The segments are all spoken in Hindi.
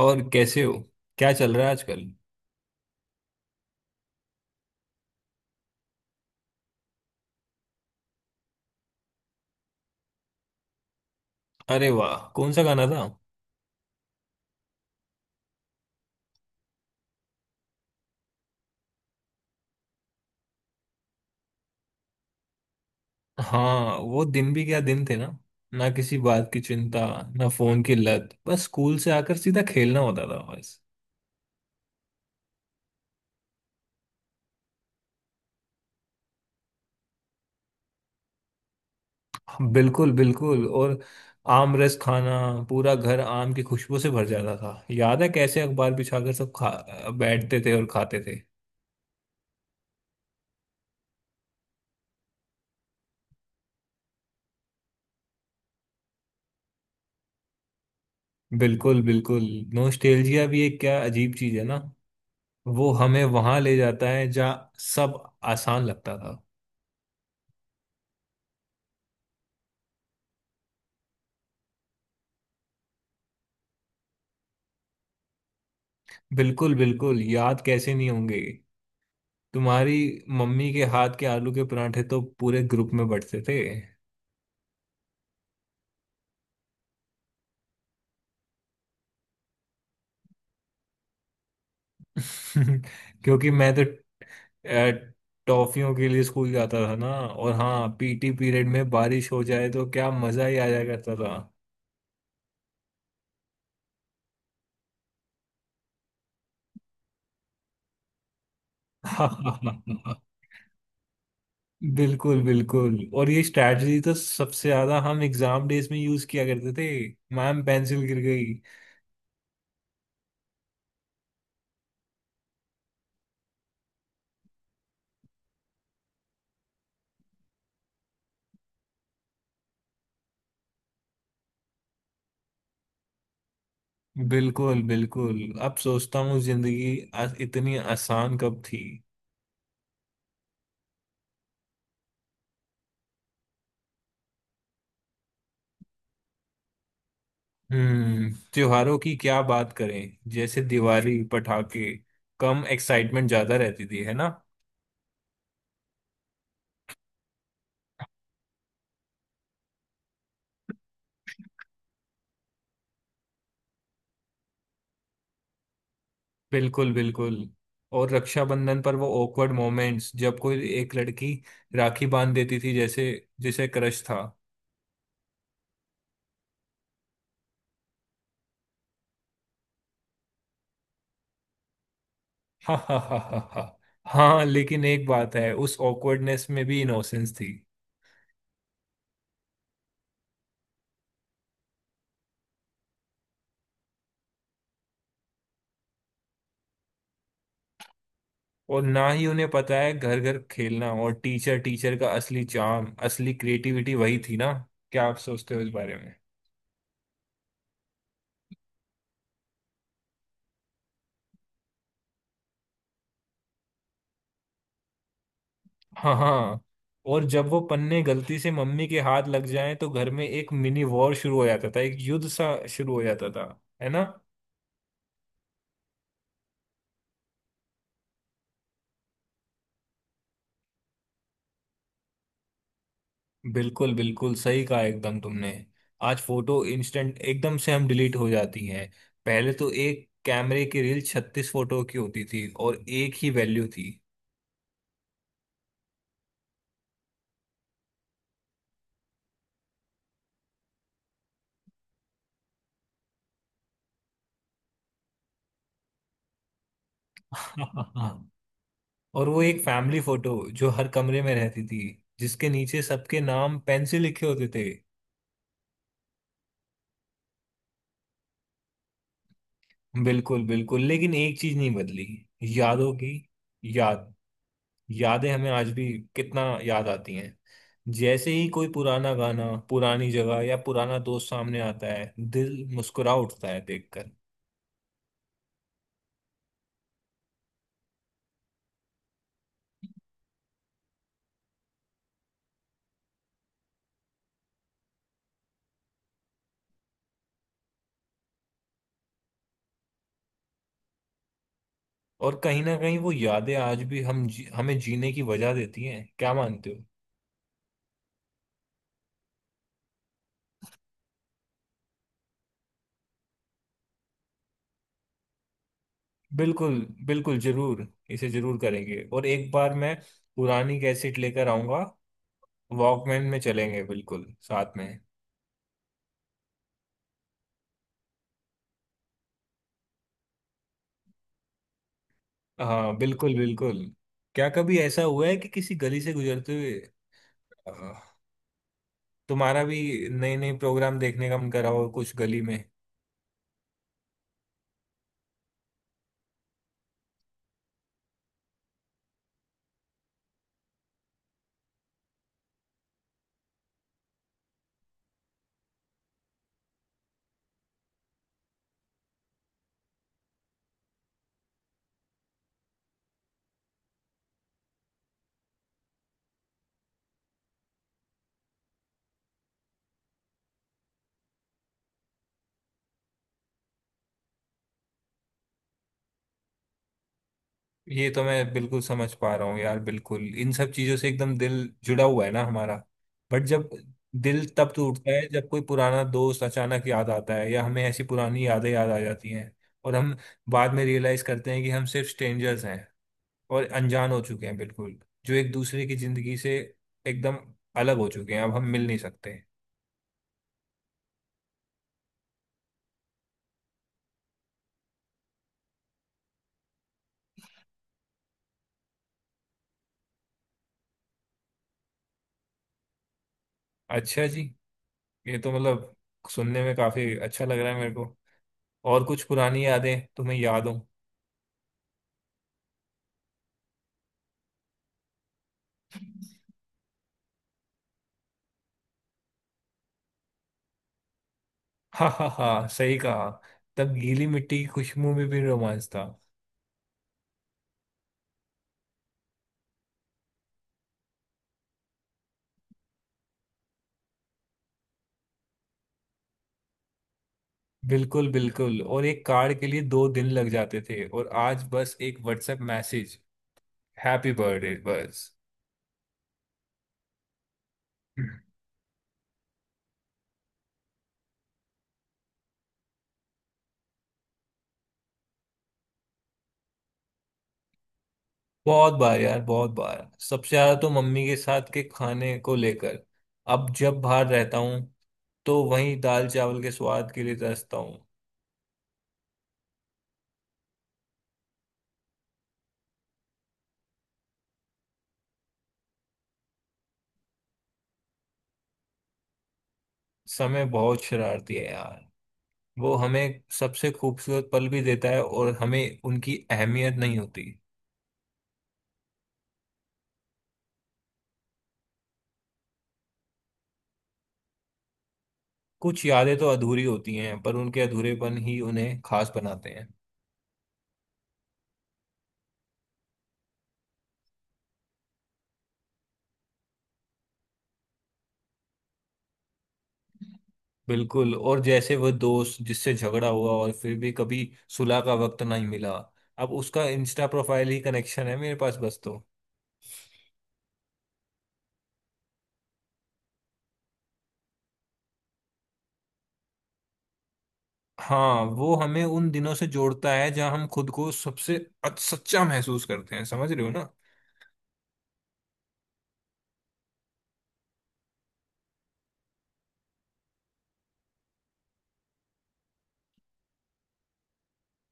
और कैसे हो? क्या चल रहा है आजकल? अरे वाह! कौन सा गाना था? हाँ, वो दिन भी क्या दिन थे ना। ना किसी बात की चिंता, ना फोन की लत, बस स्कूल से आकर सीधा खेलना होता था, बस। हाँ, बिल्कुल बिल्कुल, और आम रस खाना, पूरा घर आम की खुशबू से भर जाता था। याद है कैसे अखबार बिछाकर सब खा बैठते थे और खाते थे। बिल्कुल बिल्कुल। नोस्टेल्जिया भी एक क्या अजीब चीज है ना। वो हमें वहां ले जाता है जहाँ सब आसान लगता था। बिल्कुल बिल्कुल, याद कैसे नहीं होंगे। तुम्हारी मम्मी के हाथ के आलू के परांठे तो पूरे ग्रुप में बंटते थे। क्योंकि मैं तो अ, टॉफियों के लिए स्कूल जाता था ना। और हाँ, पीटी पीरियड में बारिश हो जाए तो क्या मजा ही आ जाया करता था। बिल्कुल बिल्कुल, और ये स्ट्रैटेजी तो सबसे ज्यादा हम एग्जाम डेज में यूज किया करते थे। मैम, पेंसिल गिर गई। बिल्कुल बिल्कुल। अब सोचता हूँ, जिंदगी इतनी आसान कब थी। हम्म, त्योहारों की क्या बात करें, जैसे दिवाली, पटाखे कम एक्साइटमेंट ज्यादा रहती थी, है ना। बिल्कुल बिल्कुल, और रक्षाबंधन पर वो awkward मोमेंट्स जब कोई एक लड़की राखी बांध देती थी, जैसे जिसे क्रश था। हा हा हा हा हा। हाँ, लेकिन एक बात है, उस awkwardness में भी इनोसेंस थी। और ना ही उन्हें पता है घर घर खेलना और टीचर टीचर का असली चार्म, असली क्रिएटिविटी वही थी ना। क्या आप सोचते हो इस बारे? हाँ हाँ, और जब वो पन्ने गलती से मम्मी के हाथ लग जाएं तो घर में एक मिनी वॉर शुरू हो जाता था, एक युद्ध सा शुरू हो जाता था, है ना। बिल्कुल बिल्कुल, सही कहा एकदम तुमने। आज फोटो इंस्टेंट एकदम से हम डिलीट हो जाती हैं। पहले तो एक कैमरे की रील छत्तीस फोटो की होती थी और एक ही वैल्यू थी। और वो एक फैमिली फोटो जो हर कमरे में रहती थी, जिसके नीचे सबके नाम पेन से लिखे होते थे। बिल्कुल बिल्कुल, लेकिन एक चीज नहीं बदली, यादों की याद, यादें हमें आज भी कितना याद आती हैं। जैसे ही कोई पुराना गाना, पुरानी जगह या पुराना दोस्त सामने आता है, दिल मुस्कुरा उठता है देखकर। और कहीं ना कहीं वो यादें आज भी हम हमें जीने की वजह देती हैं, क्या मानते हो? बिल्कुल बिल्कुल, जरूर इसे जरूर करेंगे। और एक बार मैं पुरानी कैसेट लेकर आऊंगा, वॉकमैन में चलेंगे बिल्कुल साथ में। हाँ बिल्कुल बिल्कुल। क्या कभी ऐसा हुआ है कि किसी गली से गुजरते हुए अ, तुम्हारा भी नए नए प्रोग्राम देखने का मन करा हो कुछ गली में? ये तो मैं बिल्कुल समझ पा रहा हूँ यार, बिल्कुल इन सब चीजों से एकदम दिल जुड़ा हुआ है ना हमारा। बट जब दिल तब टूटता है जब कोई पुराना दोस्त अचानक याद आता है या हमें ऐसी पुरानी यादें याद आ जाती हैं। और हम बाद में रियलाइज करते हैं कि हम सिर्फ स्ट्रेंजर्स हैं और अनजान हो चुके हैं, बिल्कुल, जो एक दूसरे की जिंदगी से एकदम अलग हो चुके हैं, अब हम मिल नहीं सकते। अच्छा जी, ये तो मतलब सुनने में काफी अच्छा लग रहा है मेरे को। और कुछ पुरानी यादें तुम्हें याद हो? हाँ हाँ हाँ, सही कहा, तब गीली मिट्टी की खुशबू में भी रोमांच था। बिल्कुल बिल्कुल, और एक कार्ड के लिए दो दिन लग जाते थे, और आज बस एक व्हाट्सएप मैसेज, हैप्पी बर्थडे, बस। बहुत बार यार, बहुत बार, सबसे ज्यादा तो मम्मी के साथ के खाने को लेकर। अब जब बाहर रहता हूँ तो वहीं दाल चावल के स्वाद के लिए तरसता हूँ। समय बहुत शरारती है यार। वो हमें सबसे खूबसूरत पल भी देता है और हमें उनकी अहमियत नहीं होती। कुछ यादें तो अधूरी होती हैं, पर उनके अधूरेपन ही उन्हें खास बनाते हैं। बिल्कुल, और जैसे वह दोस्त जिससे झगड़ा हुआ और फिर भी कभी सुलह का वक्त नहीं मिला। अब उसका इंस्टा प्रोफाइल ही कनेक्शन है मेरे पास बस, तो हाँ। वो हमें उन दिनों से जोड़ता है जहाँ हम खुद को सबसे सच्चा महसूस करते हैं, समझ रहे हो ना।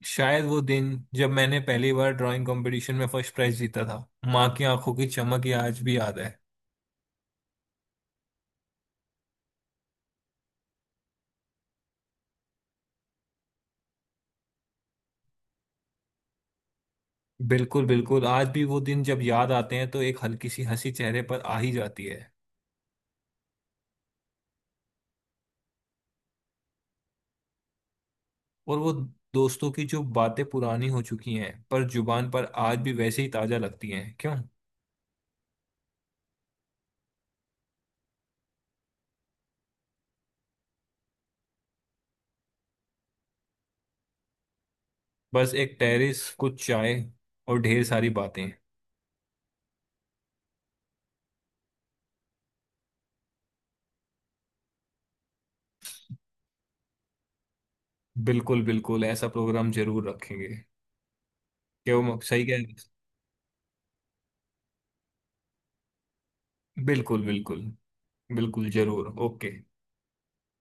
शायद वो दिन जब मैंने पहली बार ड्राइंग कंपटीशन में फर्स्ट प्राइज जीता था। माँ की आंखों की चमक ये आज भी याद है। बिल्कुल बिल्कुल, आज भी वो दिन जब याद आते हैं तो एक हल्की सी हंसी चेहरे पर आ ही जाती है। और वो दोस्तों की जो बातें पुरानी हो चुकी हैं पर जुबान पर आज भी वैसे ही ताजा लगती हैं, क्यों? बस एक टेरेस, कुछ चाय और ढेर सारी बातें। बिल्कुल बिल्कुल, ऐसा प्रोग्राम जरूर रखेंगे, क्यों, सही कह रहे हैं? बिल्कुल बिल्कुल, बिल्कुल जरूर, ओके।